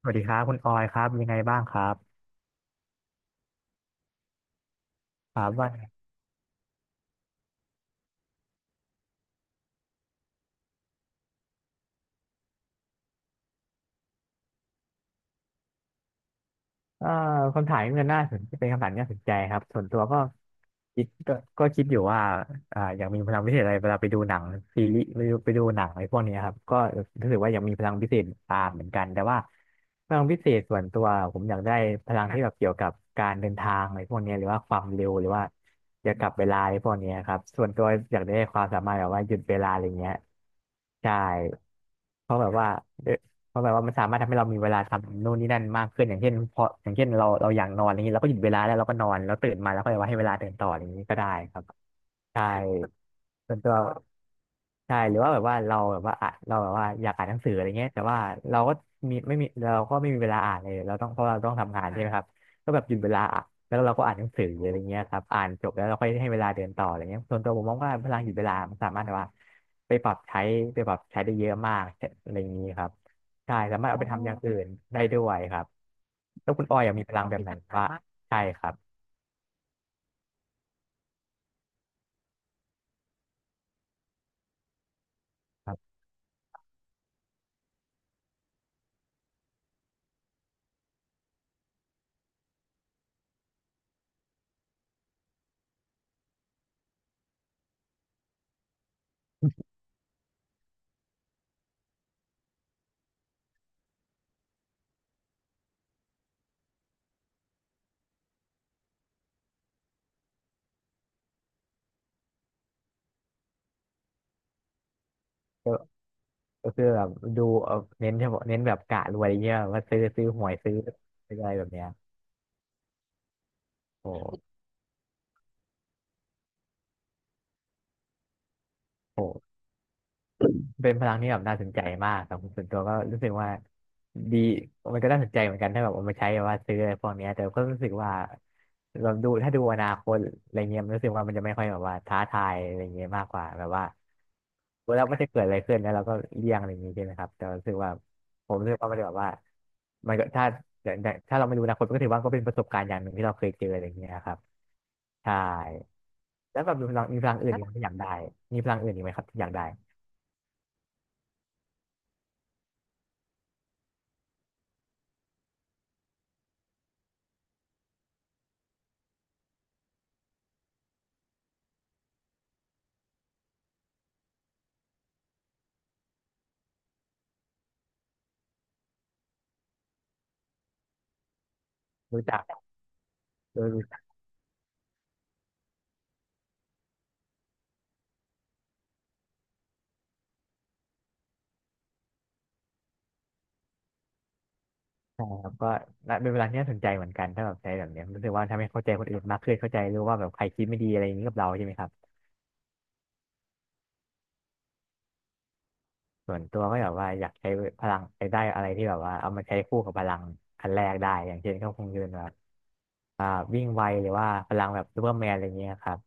สวัสดีครับคุณออยครับยังไงบ้างครับครับว่าเอ่อคำถามนี้มันน่าสนเป็นคำถามที่น่าสนใจครับส่วนตัวคิดก็ก็คิดอยู่ว่าอยากมีพลังพิเศษอะไรเวลาไปดูหนังซีรีส์ไปดูหนังอะไรพวกเนี้ยครับก็รู้สึกว่าอยากมีพลังพิเศษตามเหมือนกันแต่ว่าพลังพิเศษส่วนตัวผมอยากได้พลังที่แบบเกี่ยวกับการเดินทางอะไรพวกเนี้ยหรือว่าความเร็วหรือว่าเกี่ยวกับเวลาอะไรพวกเนี้ยครับส่วนตัวอยากได้ความสามารถแบบว่าหยุดเวลาอะไรเงี้ยใช่เพราะแบบว่าเออ เพราะแบบว่ามันสามารถทำให้เรามีเวลาทำนู่นนี่นั่นมากขึ้นอย่างเช่นพออย่างเช่นเราอยากนอนอะไรเงนี้เราก็หยุดเวลาแล้วเราก็นอนแล้วตื่นมาแล้วก็ว่าให้เวลาเดินต่ออะไรอย่างนี้ก็ได้ครับใช่ส่วนตัวใช่หรือว่าแบบว่าเราแบบว่าอยากอ่านหนังสืออะไรเงี้ยแต่ว่าเราก็มีไม่มีเราก็ไม่มีเวลาอ่านเลยเพราะเราต้องทำงานใช่ไหมครับก็แบบหยุดเวลาอ่ะแล้วเราก็อ่านหนังสืออะไรเงี้ยครับอ่านจบแล้วเราค่อยให้เวลาเดินต่ออะไรเงี้ยส่วนตัวผมมองว่าพลังหยุดเวลามันสามารถแบบว่าไปปรับใช้ไปปรับใช้ได้เยอะมากอะไรอย่างนี้ครับ ใช่ สามารถอ๋อเอาไปทำอย่างอื่นได้ด้วยครับแล้วคุณออยอะมีพลังแบบกไหนความสาว่ามากใช่ครับครับก็ก็คือแบบดูเน้นเฉพาะเน้นแบบกะรวยอย่างเงี้ยว่าซื้อหวยซื้ออะไรแบบเนี้ยโอ้โห เป็นพลังที่แบบน่าสนใจมากครับส่วนตัวก็รู้สึกว่าดีมันก็น่าสนใจเหมือนกันถ้าแบบเอามาใช้แบบว่าซื้ออะไรพวกเนี้ยแต่ก็รู้สึกว่าเราดูถ้าดูอนาคตอะไรเงี้ยมันรู้สึกว่ามันจะไม่ค่อยแบบว่าท้าทายอะไรเงี้ยมากกว่าแบบว่าแล้วมันจะเกิดอะไรขึ้นแล้วเราก็เลี่ยงอะไรอย่างงี้ใช่ไหมครับแต่รู้สึกว่าผมรู้สึกว่ามันแบบว่ามันก็ถ้าอย่างถ้าเราไม่รู้อนาคตมันก็ถือว่าก็เป็นประสบการณ์อย่างหนึ่งที่เราเคยเจออะไรเงี้ยครับใช่แล้วแบบมีพลังอื่นอีกไหมที่อยากได้มีพลังอื่นอีกไหมครับที่อยากได้รู้จัก โดยวิชาครับก็น่าเป็นเวลาที่น่าสนใจเหมือนกันถ้าแบบใช้แบบเนี้ยรู้สึกว่าทำให้เข้าใจคนอื่นมากขึ้นเข้าใจรู้ว่าแบบใครคิดไม่ดีอะไรอย่างนี้กับเราใช่ไหมครับส่วนตัวก็แบบว่าอยากใช้พลังใช้ได้อะไรที่แบบว่าเอามาใช้คู่กับพลังอันแรกได้อย่างเช่นก็คงจะเป็นแบบอ่าวิ่งไวหรือว่าพลังแบบซูเปอร์แมนอะไรเงี้ยครับ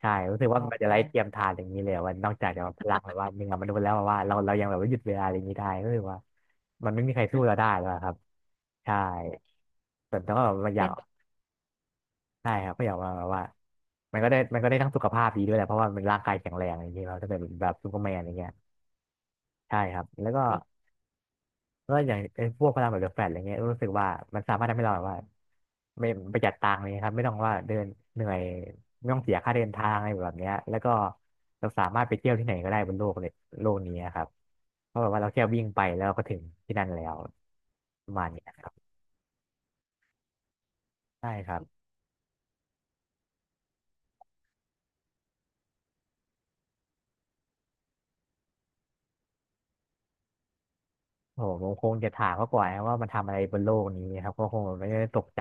ใช่รู้สึกว่ามันจะไร้เทียมทานอย่างนี้เลยว่านอกจากจะแบบพลังแบบว่าเหนือมนุษย์แล้วแบบว่าเรายังแบบว่าหยุดเวลาอะไรอย่างนี้ได้ก็คือว่ามันไม่มีใครสู้เราได้แล้วอะครับใช่ส่วนตัวก็แบบว่าอยาก ใช่ครับก็อย่างว่าแบบว่ามันก็ได้ทั้งสุขภาพดีด้วยแหละเพราะว่ามันร่างกายแข็งแรงอย่างเงี้ยเราถ้าเป็นแบบซูเปอร์แมนอย่างเงี้ยใช่ครับแล้วก็ก็อย่างไอ้พวกพลังแบบเดอะแฟลชอะไรเงี้ยรู้สึกว่ามันสามารถทำให้เราแบบว่าไม่ประหยัดตังค์เลยครับไม่ต้องว่าเดินเหนื่อยไม่ต้องเสียค่าเดินทางอะไรแบบเนี้ยแล้วก็เราสามารถไปเที่ยวที่ไหนก็ได้บนโลกเลยโลกนี้ครับเพราะแบบว่าเราแค่วิ่งไปแล้วก็ถึงที่นั่นแล้วประมาณเนี้ยครับใช่ครับ โอ้โหผมคงจะถามเขาก่อนนะว่ามันทำอะไรบนโลกนี้ครับก็คงไม่ได้ตกใจ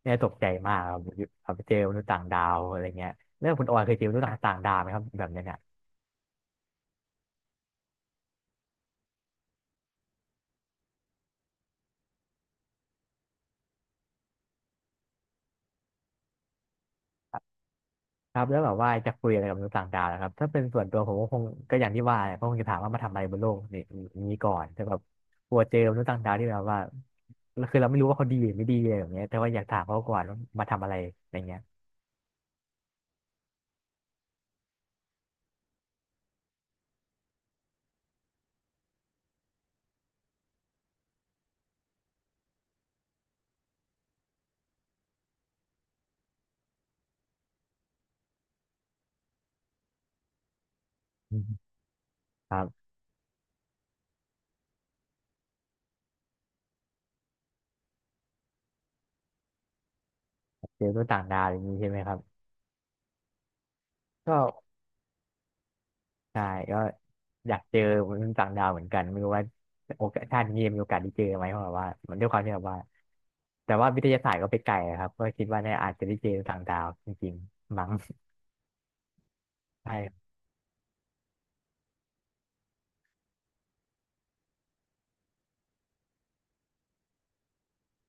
ไม่ได้ตกใจมากครับเจอมนุษย์ต่างดาวอะไรเงี้ยเรื่องคุณออยเคยเจอมนุษย์ต่างดาวไหมครับแบบเนี้ยเนี่ยครับแล้วแบบว่าจะคุยอะไรกับมนุษย์ต่างดาวนะครับถ้าเป็นส่วนตัวผมก็คงก็อย่างที่ว่าแหละก็คงจะถามว่ามาทำอะไรบนโลกนี้ก่อนแต่แบบกลัวเจอมนุษย์ต่างดาวที่แบบว่าคือเราไม่รู้ว่าเขาดีหรือไม่ดีอะไรแบบเนี้ยแต่ว่าอยากถามเขาก่อนว่ามาทำอะไรอะไรเงี้ยอืมครับเจอมนุษย์ต่างดาวอย่างนี้ใช่ไหมครับก็ ใช่ก็อยากเจอมนุษย์ต่างดาวเหมือนกันไม่รู้ว่าโอกาสชาตินี้มีโอกาสได้เจอไหมเพราะแบบว่ามันด้วยความที่แบบว่าแต่ว่าวิทยาศาสตร์ก็ไปไกลอะครับก็คิดว่าเนี่ยอาจจะได้เจอต่างดาวจริงๆมั้ง ใช่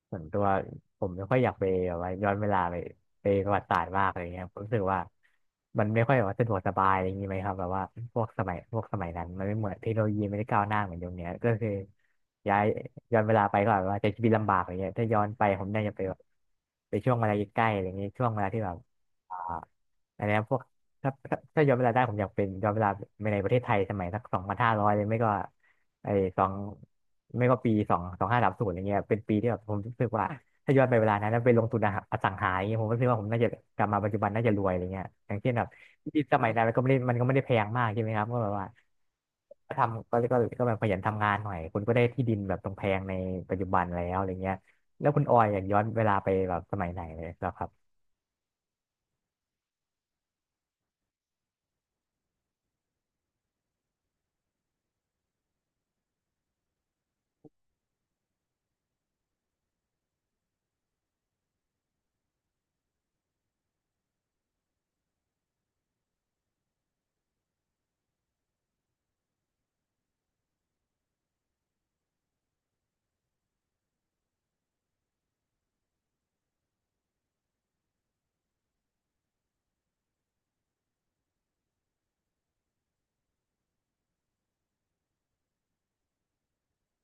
ส่วนตัวผมไม่ค่อยอยากไปแบบว่าย้อนเวลาไปประวัติศาสตร์มากอะไรเงี้ยผมรู้สึกว่ามันไม่ค่อยแบบว่าสะดวกสบายอะไรอย่างนี้ไหมครับแบบว่าพวกสมัยนั้นมันไม่เหมือนเทคโนโลยีไม่ได้ก้าวหน้าเหมือนยุคเนี้ยก็คือย้ายย้อนเวลาไปก็แบบว่าจะชีวิตลำบากอะไรเงี้ยถ้าย้อนไปผมน่าจะไปแบบไปช่วงเวลาใกล้ๆอะไรเงี้ยช่วงเวลาที่แบบอ่าอันเนี้ยพวกถ้าย้อนเวลาได้ผมอยากเป็นย้อนเวลาไปในประเทศไทยสมัยสัก2500เลยไม่ก็ ไอ้สองไม่ก็ปี2530อย่างเงี้ยเป็นปีที่แบบผมรู้สึกว่าถ้าย้อนไปเวลานั้นแล้วไปลงทุนอสังหาอย่างเงี้ยผมก็คิดว่าผมน่าจะกลับมาปัจจุบันน่าจะรวยอะไรเงี้ยอย่างเช่นแบบที่สมัยนั้นมันก็ไม่ได้แพงมากใช่ไหมครับก็แบบว่าก็ทำก็ก็ก็แบบขยันทำงานหน่อยคุณก็ได้ที่ดินแบบตรงแพงในปัจจุบันแล้วอะไรเงี้ยแล้วคุณออยอยากย้อนเวลาไปแบบสมัยไหนเลยเหรอครับ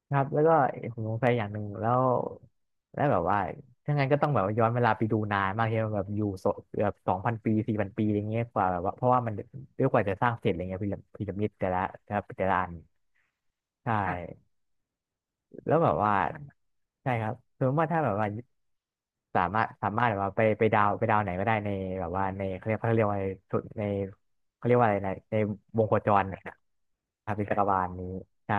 ครับแล้วก็ผมสงสัยอย่างหนึ่งแล้วแล้วแบบว่าถ้างั้นก็ต้องแบบว่าย้อนเวลาไปดูนานมากที่แบบอยู่โซเกือบ2000 ปี4000 ปีอะไรเงี้ยกว่าแบบว่าเพราะว่ามันด้วยกว่าจะสร้างเสร็จอะไรเงี้ยพีระมิดแต่ละอันใช่ครับแล้วแบบว่าใช่ครับสมมติว่าถ้าแบบว่าสามารถแบบว่าไปดาวไหนก็ได้ในแบบว่าในเขาเรียกว่าในสุดในเขาเรียกว่าอะไรนะในวงโคจรนะครับในจักรวาลนี้ใช่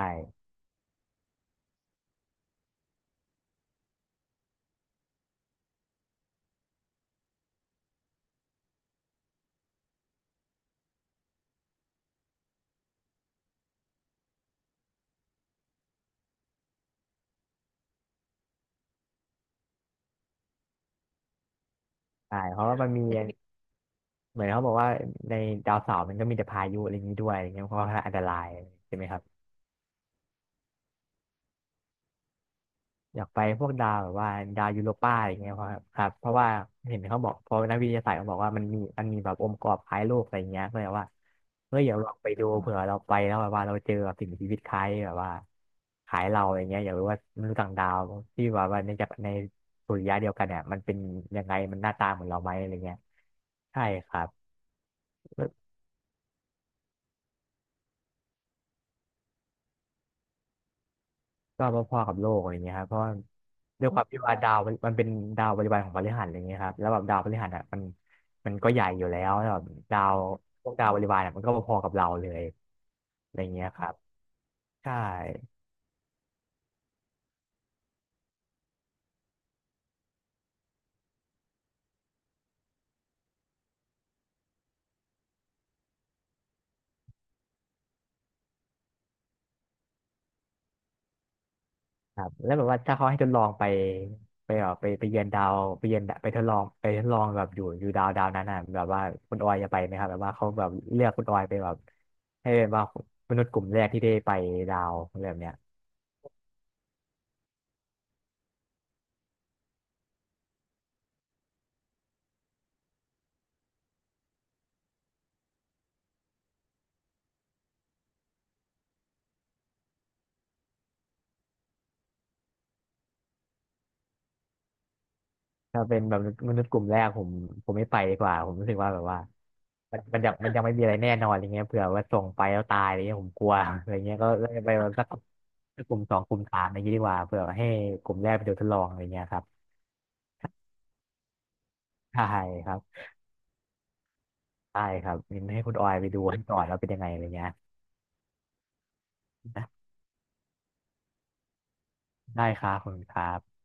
ใช่เพราะว่ามันมี เหมือนเขาบอกว่าในดาวเสาร์มันก็มีแต่พายุอะไรอย่างนี้ด้วยอะไรเงี้ยเพราะว่าอันตรายใช่ไหมครับอยากไปพวกดาวแบบว่าดาวยูโรปาอะไรเงี้ยเพราะครับเพราะว่าเห็นเขาบอกเพอนักวิทยาศาสตร์เขาบอกว่ามันมีแบบองค์ประกอบคล้ายโลกอะไรเงี้ยก็เลยว่าเฮ้ยอยากลองไปดูเผื่อเราไปแล้วแบบว่าเราเจอแบบสิ่งมีชีวิตคล้ายแบบว่าคล้ายเราอะไรเงี้ยอยากรู้ว่ามนุษย์ต่างดาวที่แบบว่าในสุริยะเดียวกันเนี่ยมันเป็นยังไงมันหน้าตาเหมือนเราไหมอะไรเงี้ยใช่ครับ ก็พอๆกับโลกอะไรเงี้ยครับเพราะว่าด้วยอความมที่ว่าดาวมันเป็นดาวบริวารของพฤหัสอะไรเงี้ยครับแล้วแบบดาวพฤหัสอ่ะมันก็ใหญ่อยู่แล้วแล้วแบบดาวพวกดาวบริวารอ่ะมันก็พอๆกับเราเลยอะไรเงี้ยครับใช่ครับแล้วแบบว่าถ้าเขาให้ทดลองไปไปแบบไปเยือนดาไปทดลองแบบอยู่ดาวนั้นอ่ะแบบว่าคุณออยจะไปไหมครับแบบว่าเขาแบบเลือกคุณออยไปแบบให้เป็นว่ามนุษย์กลุ่มแรกที่ได้ไปดาวอะไรแบบเนี้ย ถ้าเป็นแบบมนุษย์กลุ่มแรกผมไม่ไปดีกว่าผมรู้สึกว่าแบบว่ามันยังไม่มีอะไรแน่นอนอะไรเงี้ยเผื่อว่าส่งไปแล้วตายอะไรเงี้ยผมกลัวอะไรเงี้ยก็เลยไปแบบสักกลุ่มสองกลุ่มสามอะไรเงงี้ยดีกว่าเผื่อให้กลุ่มแรกไปดูทดลองอะไรเงี้ยครับใช่ครับใช่ครับมินให้คุณออยไปดูให้ก่อนว่าเป็นยังไงอะไรเงี้ยนะได้ครับขอบคุณครับ